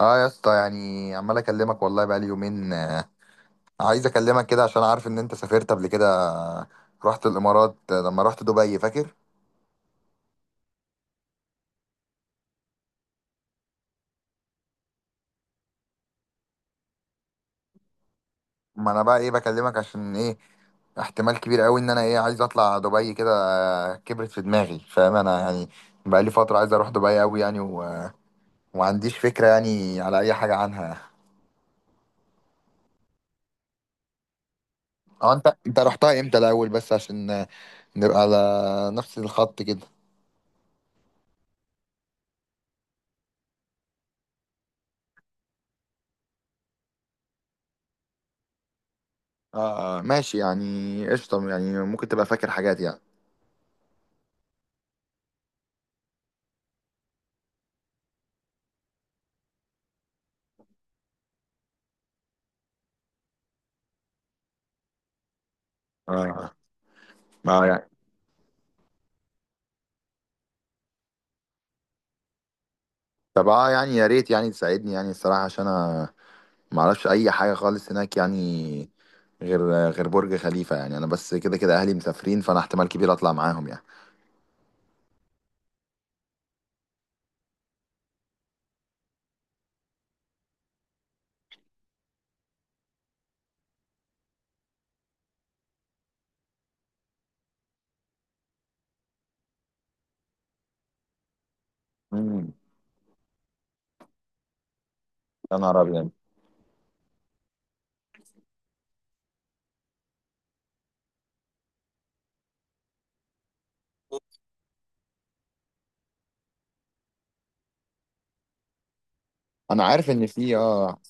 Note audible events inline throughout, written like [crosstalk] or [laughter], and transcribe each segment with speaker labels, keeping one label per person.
Speaker 1: اه يا اسطى، يعني عمال اكلمك والله بقالي يومين عايز اكلمك كده عشان عارف ان انت سافرت قبل كده رحت الامارات، لما رحت دبي فاكر؟ ما انا بقى ايه بكلمك عشان ايه؟ احتمال كبير قوي ان انا ايه عايز اطلع دبي كده، كبرت في دماغي فاهم انا يعني. بقالي فترة عايز اروح دبي قوي يعني ومعنديش فكرة يعني على اي حاجة عنها. اه انت رحتها امتى الاول بس عشان نبقى على نفس الخط كده. اه ماشي يعني قشطة، يعني ممكن تبقى فاكر حاجات يعني. اه، ما يعني. طب اه، يعني يا ريت يعني تساعدني يعني، الصراحة عشان انا ما اعرفش اي حاجة خالص هناك يعني، غير غير برج خليفة. يعني انا بس كده كده اهلي مسافرين فانا احتمال كبير اطلع معاهم يعني. امم. يا نهار ابيض، انا عارف ان في اه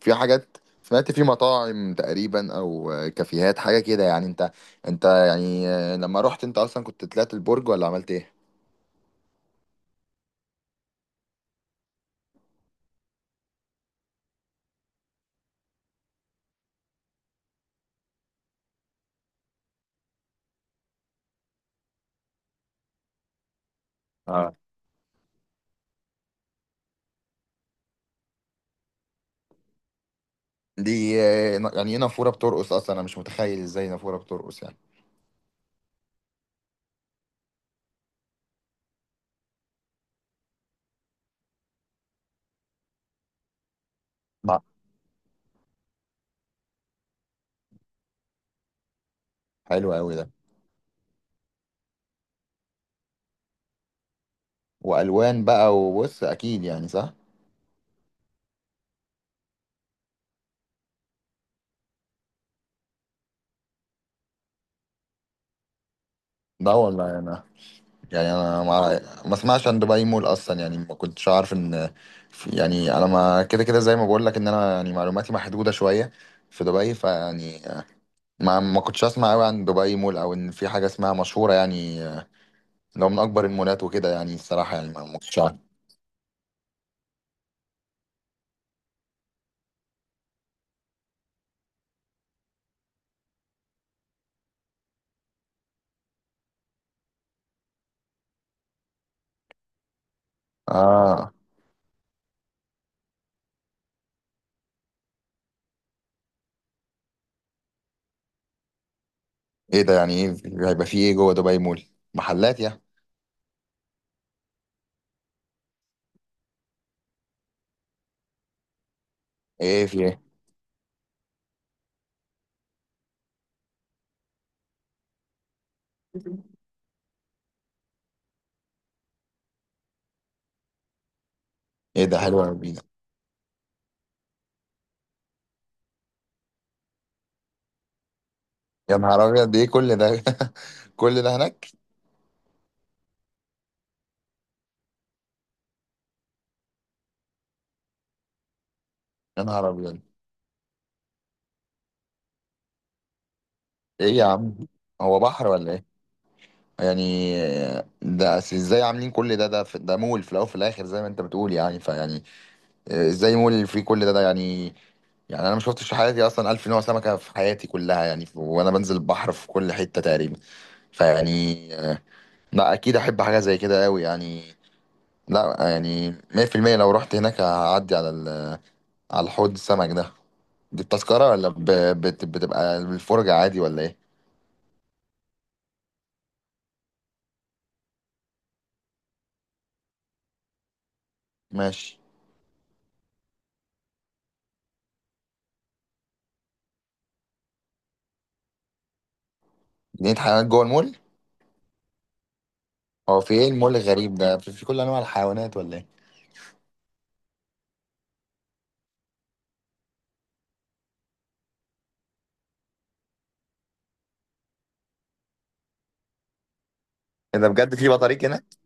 Speaker 1: في حاجات، سمعت في مطاعم تقريبا او كافيهات حاجة كده يعني. انت يعني لما رحت انت اصلا كنت طلعت البرج ولا عملت ايه؟ اه، دي يعني ايه نافورة بترقص؟ اصلا انا مش متخيل ازاي نافورة بترقص يعني. ما حلو قوي ده، والوان بقى وبص اكيد يعني صح. ده والله انا، يعني انا ما ما اسمعش عن دبي مول اصلا، يعني ما كنتش عارف ان يعني انا ما كده كده، زي ما بقول لك ان انا يعني معلوماتي محدوده شويه في دبي، فيعني ما ما كنتش اسمع قوي عن دبي مول، او ان في حاجه اسمها مشهوره يعني، لو من اكبر المولات وكده يعني، الصراحه يعني ما ما كنتش عارف. اه، ايه ده؟ يعني ايه هيبقى في ايه جوه دبي مول؟ محلات يعني؟ ايه في ايه؟ ايه ده، حلو قوي! يا نهار ابيض، ايه كل ده؟ [laughs] كل ده هناك؟ يا نهار ابيض! ايه يا عم؟ هو بحر ولا ايه يعني؟ ده أصل ازاي عاملين كل ده؟ ده مول في الاول وفي الاخر زي ما انت بتقول، يعني فيعني ازاي مول في كل ده يعني؟ يعني انا ما شفتش في حياتي اصلا الف نوع سمكه في حياتي كلها يعني، وانا بنزل البحر في كل حته تقريبا، فيعني لا اكيد احب حاجه زي كده قوي يعني. لا يعني 100% لو رحت هناك هعدي على على الحوض السمك ده. دي التذكره ولا بتبقى الفرجه عادي ولا ايه؟ ماشي. جنينة حيوانات جوه المول؟ هو في ايه المول الغريب ده، في كل انواع الحيوانات ولا ايه؟ إيه ده بجد! في بطاريق هناك؟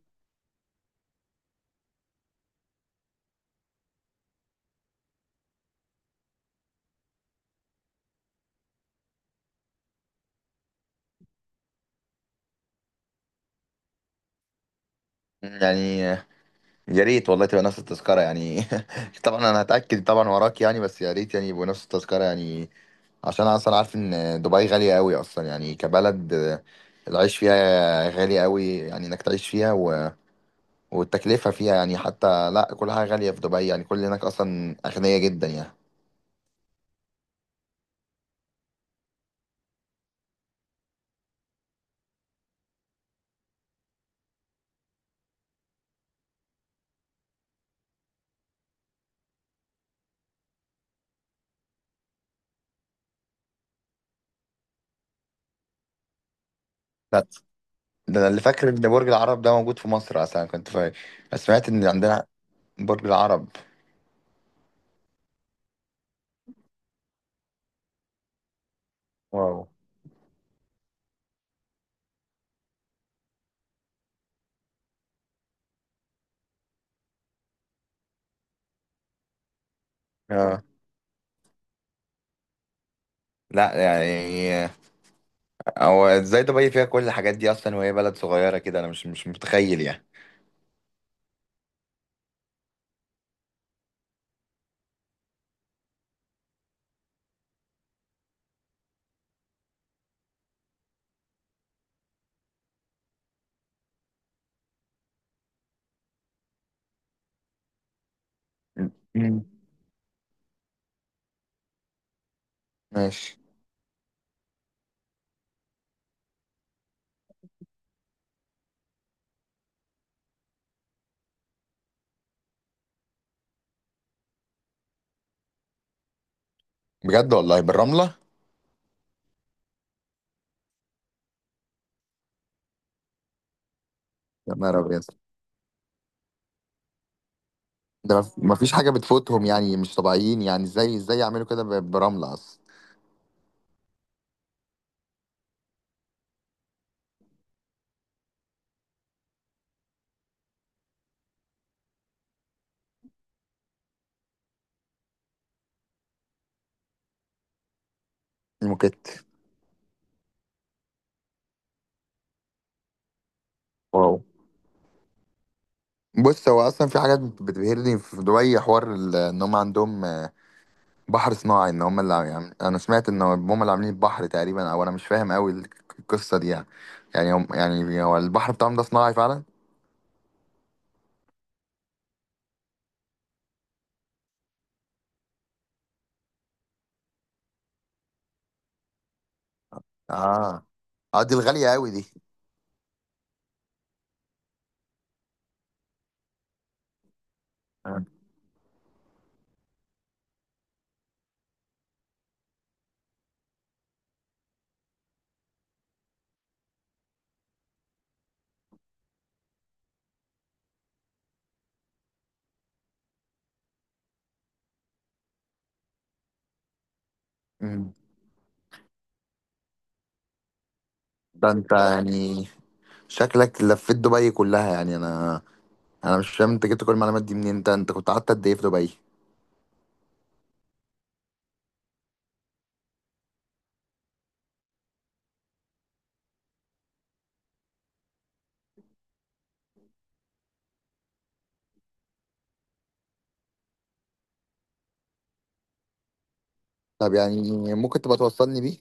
Speaker 1: يعني يا ريت والله تبقى نفس التذكرة يعني. [laughs] طبعا انا هتأكد طبعا وراك يعني، بس يا ريت يعني يبقوا نفس التذكرة يعني، عشان انا اصلا عارف ان دبي غالية قوي اصلا يعني كبلد العيش فيها غالي قوي، يعني انك تعيش فيها والتكلفة فيها يعني، حتى لا كل حاجة غالية في دبي يعني، كل هناك اصلا اغنياء جدا يعني. لا، ده انا اللي فاكر ان برج العرب ده موجود في مصر اصلا كنت فاكر، سمعت ان عندنا برج العرب. واو. اه، لا يعني، هو ازاي دبي فيها كل الحاجات دي اصلا وهي بلد صغيره كده؟ انا مش متخيل يعني. مم. ماشي. بجد والله بالرمله؟ يا نهار ابيض، ده ما فيش حاجه بتفوتهم يعني، مش طبيعيين يعني! ازاي ازاي يعملوا كده برمله اصلا؟ الموكيت. واو. بص هو اصلا في حاجات بتبهرني في دبي، حوار ان هم عندهم بحر صناعي، ان هم اللي عاملين، انا سمعت ان هم اللي عاملين البحر تقريبا، او انا مش فاهم قوي القصه دي يعني. يعني هم يعني هو البحر بتاعهم ده صناعي فعلا؟ اه. اه دي الغاليه قوي دي. آه. مم. ده انت يعني شكلك لفيت دبي كلها يعني، انا، انا مش فاهم انت جبت كل المعلومات دي منين؟ انت كنت قعدت قد ايه في دبي؟ طب يعني ممكن تبقى توصلني بيه؟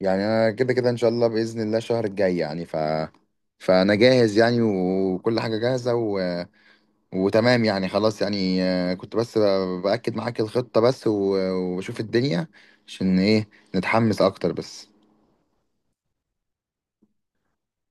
Speaker 1: يعني انا كده كده ان شاء الله باذن الله الشهر الجاي يعني، فانا جاهز يعني وكل حاجه جاهزه وتمام يعني، خلاص يعني كنت بس بأكد معاك الخطة بس وبشوف الدنيا عشان ايه، نتحمس اكتر بس.